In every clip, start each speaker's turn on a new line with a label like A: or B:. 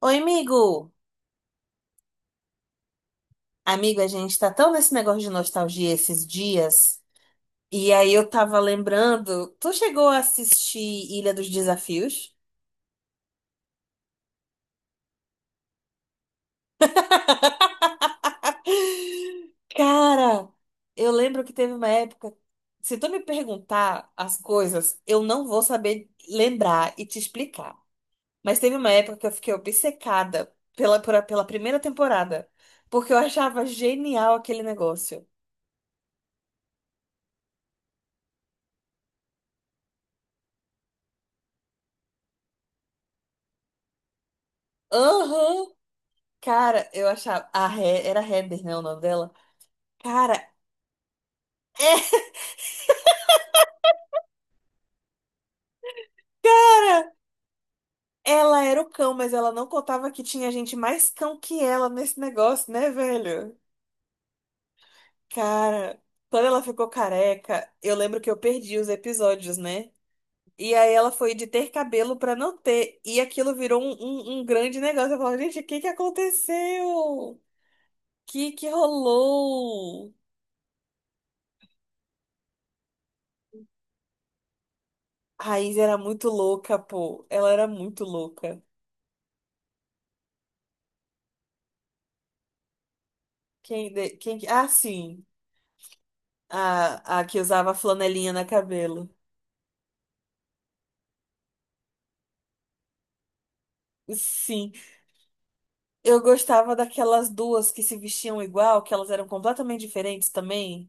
A: Oi, amigo! Amigo, a gente tá tão nesse negócio de nostalgia esses dias. E aí eu tava lembrando, tu chegou a assistir Ilha dos Desafios? Cara, eu lembro que teve uma época, se tu me perguntar as coisas, eu não vou saber lembrar e te explicar. Mas teve uma época que eu fiquei obcecada pela primeira temporada, porque eu achava genial aquele negócio. Aham! Cara, eu achava. Era Heather, né, o nome dela? Cara, é. Ela era o cão, mas ela não contava que tinha gente mais cão que ela nesse negócio, né, velho? Cara, quando ela ficou careca, eu lembro que eu perdi os episódios, né? E aí ela foi de ter cabelo pra não ter, e aquilo virou um grande negócio. Eu falava, gente, o que que aconteceu? O que que rolou? A Raiz era muito louca, pô. Ela era muito louca. Quem, quem, ah, sim. A que usava flanelinha na cabelo. Sim. Eu gostava daquelas duas que se vestiam igual, que elas eram completamente diferentes também.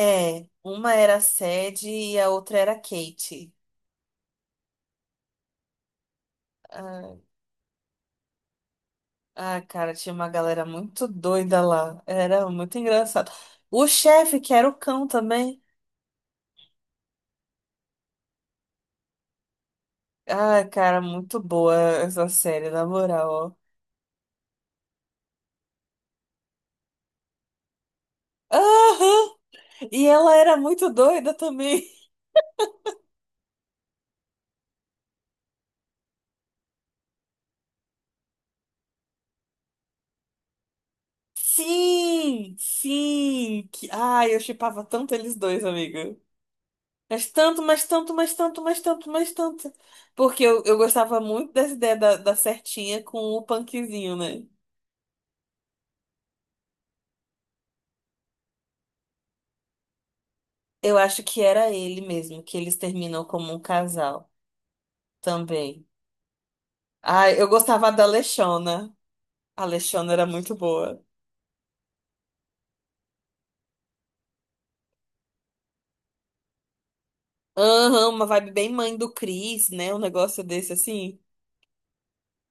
A: É, uma era a Sadie e a outra era a Kate. Ah, ah, cara, tinha uma galera muito doida lá. Era muito engraçado. O chefe, que era o cão também. Ah, cara, muito boa essa série, na moral, ó. Aham! E ela era muito doida também. Sim, sim. Que... Ai, eu chipava tanto eles dois, amiga. Mas tanto, mas tanto, mas tanto, mas tanto, mas tanto. Porque eu gostava muito dessa ideia da, da certinha com o punkzinho, né? Eu acho que era ele mesmo, que eles terminam como um casal também. Ah, eu gostava da Alexona. A Alexona era muito boa. Aham, uma vibe bem mãe do Chris, né? Um negócio desse assim.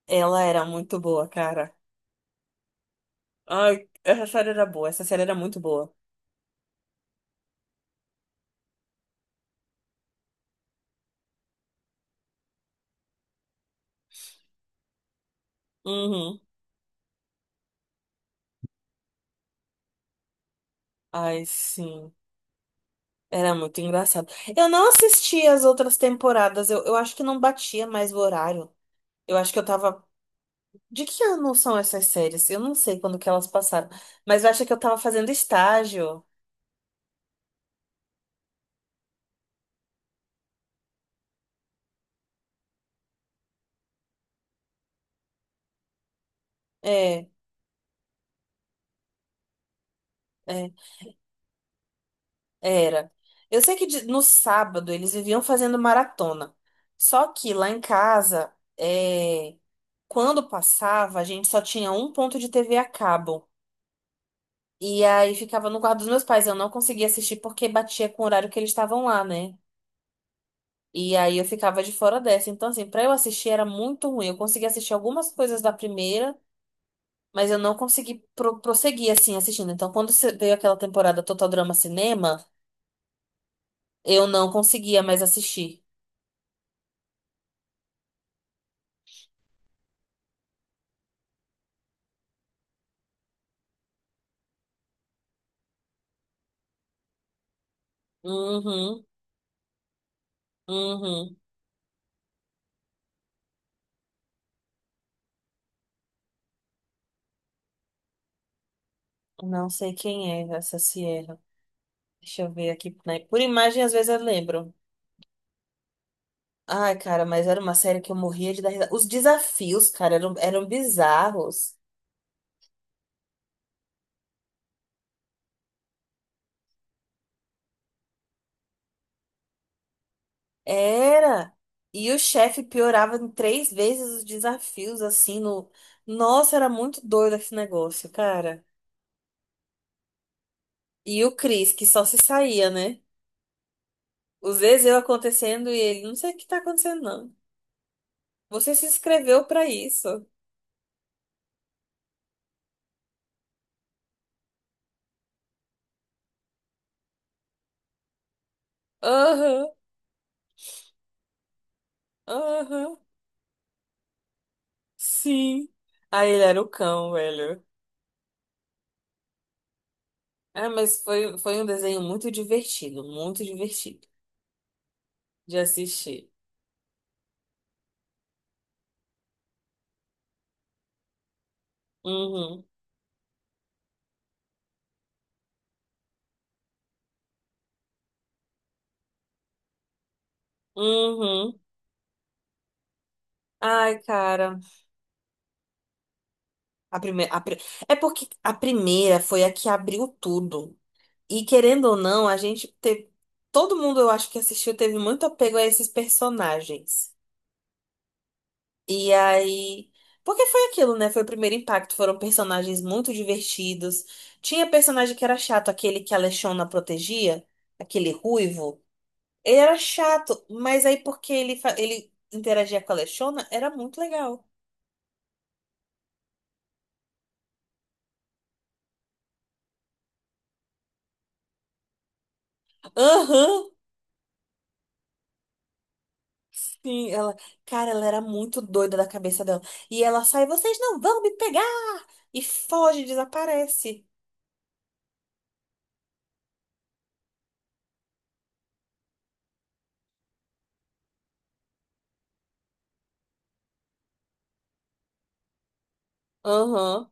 A: Ela era muito boa, cara. Ai, essa série era boa, essa série era muito boa. Uhum. Ai, sim. Era muito engraçado. Eu não assisti as outras temporadas. Eu acho que não batia mais o horário. Eu acho que eu tava. De que ano são essas séries? Eu não sei quando que elas passaram. Mas eu acho que eu tava fazendo estágio. É, é, era. Eu sei que no sábado eles viviam fazendo maratona. Só que lá em casa, é, quando passava, a gente só tinha um ponto de TV a cabo. E aí ficava no quarto dos meus pais. Eu não conseguia assistir porque batia com o horário que eles estavam lá, né? E aí eu ficava de fora dessa. Então, assim, pra eu assistir era muito ruim. Eu consegui assistir algumas coisas da primeira, mas eu não consegui prosseguir, assim, assistindo. Então, quando veio aquela temporada Total Drama Cinema, eu não conseguia mais assistir. Uhum, uhum. Não sei quem é essa Sierra. Deixa eu ver aqui, né? Por imagem, às vezes eu lembro. Ai, cara, mas era uma série que eu morria de dar risada. Os desafios, cara, eram bizarros. Era. E o chefe piorava em três vezes os desafios, assim, no... Nossa, era muito doido esse negócio, cara. E o Chris, que só se saía, né? Os Ezeu acontecendo e ele, não sei o que tá acontecendo, não. Você se inscreveu pra isso. Aham, aham, sim. Aí ele era o cão, velho. Ah, mas foi, foi um desenho muito divertido de assistir. Uhum, uhum. Ai, cara. A primeira, é porque a primeira foi a que abriu tudo. E querendo ou não, a gente teve. Todo mundo, eu acho que assistiu, teve muito apego a esses personagens. E aí. Porque foi aquilo, né? Foi o primeiro impacto. Foram personagens muito divertidos. Tinha personagem que era chato, aquele que a Lechona protegia, aquele ruivo. Ele era chato, mas aí porque ele, ele interagia com a Lechona, era muito legal. Aham! Sim, ela, cara, ela era muito doida da cabeça dela. E ela sai, vocês não vão me pegar! E foge, desaparece. Aham,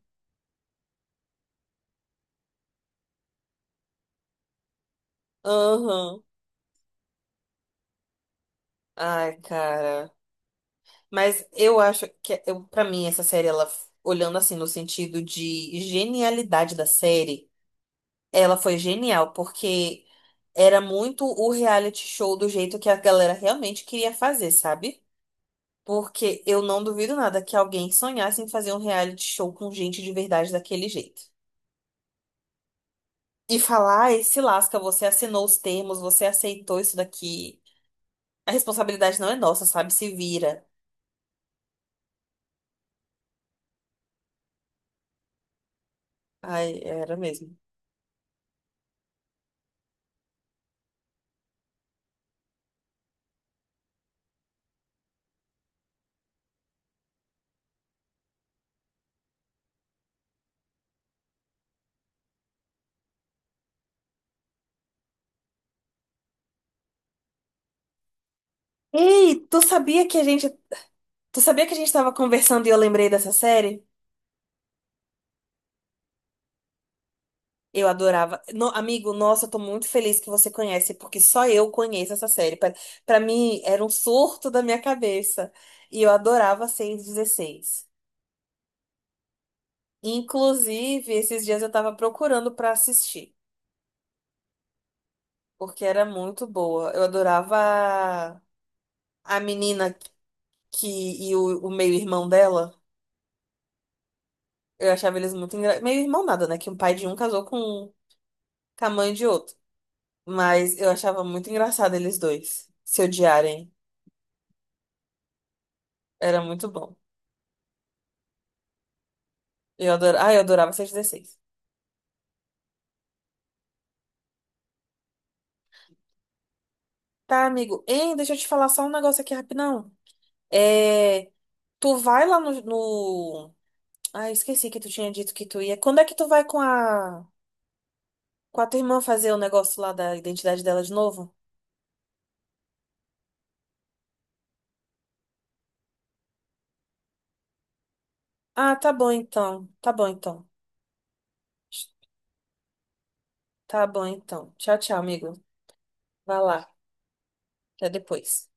A: aham. Ai, cara. Mas eu acho que, eu, pra mim, essa série, ela, olhando assim, no sentido de genialidade da série, ela foi genial, porque era muito o reality show do jeito que a galera realmente queria fazer, sabe? Porque eu não duvido nada que alguém sonhasse em fazer um reality show com gente de verdade daquele jeito. E falar, ai, se lasca, você assinou os termos, você aceitou isso daqui. A responsabilidade não é nossa, sabe? Se vira. Ai, era mesmo. Ei, tu sabia que a gente tava conversando e eu lembrei dessa série? Eu adorava. Amigo, nossa, eu tô muito feliz que você conhece, porque só eu conheço essa série. Pra mim, era um surto da minha cabeça. E eu adorava 616. Inclusive, esses dias eu tava procurando pra assistir, porque era muito boa. Eu adorava a menina que e o meio-irmão dela. Eu achava eles muito engraçados. Meio-irmão nada, né? Que um pai de um casou com a mãe de outro. Mas eu achava muito engraçado eles dois se odiarem. Era muito bom. Eu adorava, ah, eu adorava 616. Tá, amigo. Hein, deixa eu te falar só um negócio aqui rapidão. É, tu vai lá no... ah, esqueci que tu tinha dito que tu ia. Quando é que tu vai com a com a tua irmã fazer o negócio lá da identidade dela de novo? Ah, tá bom então. Tá bom então. Tá bom então. Tchau, tchau, amigo. Vai lá. Até depois.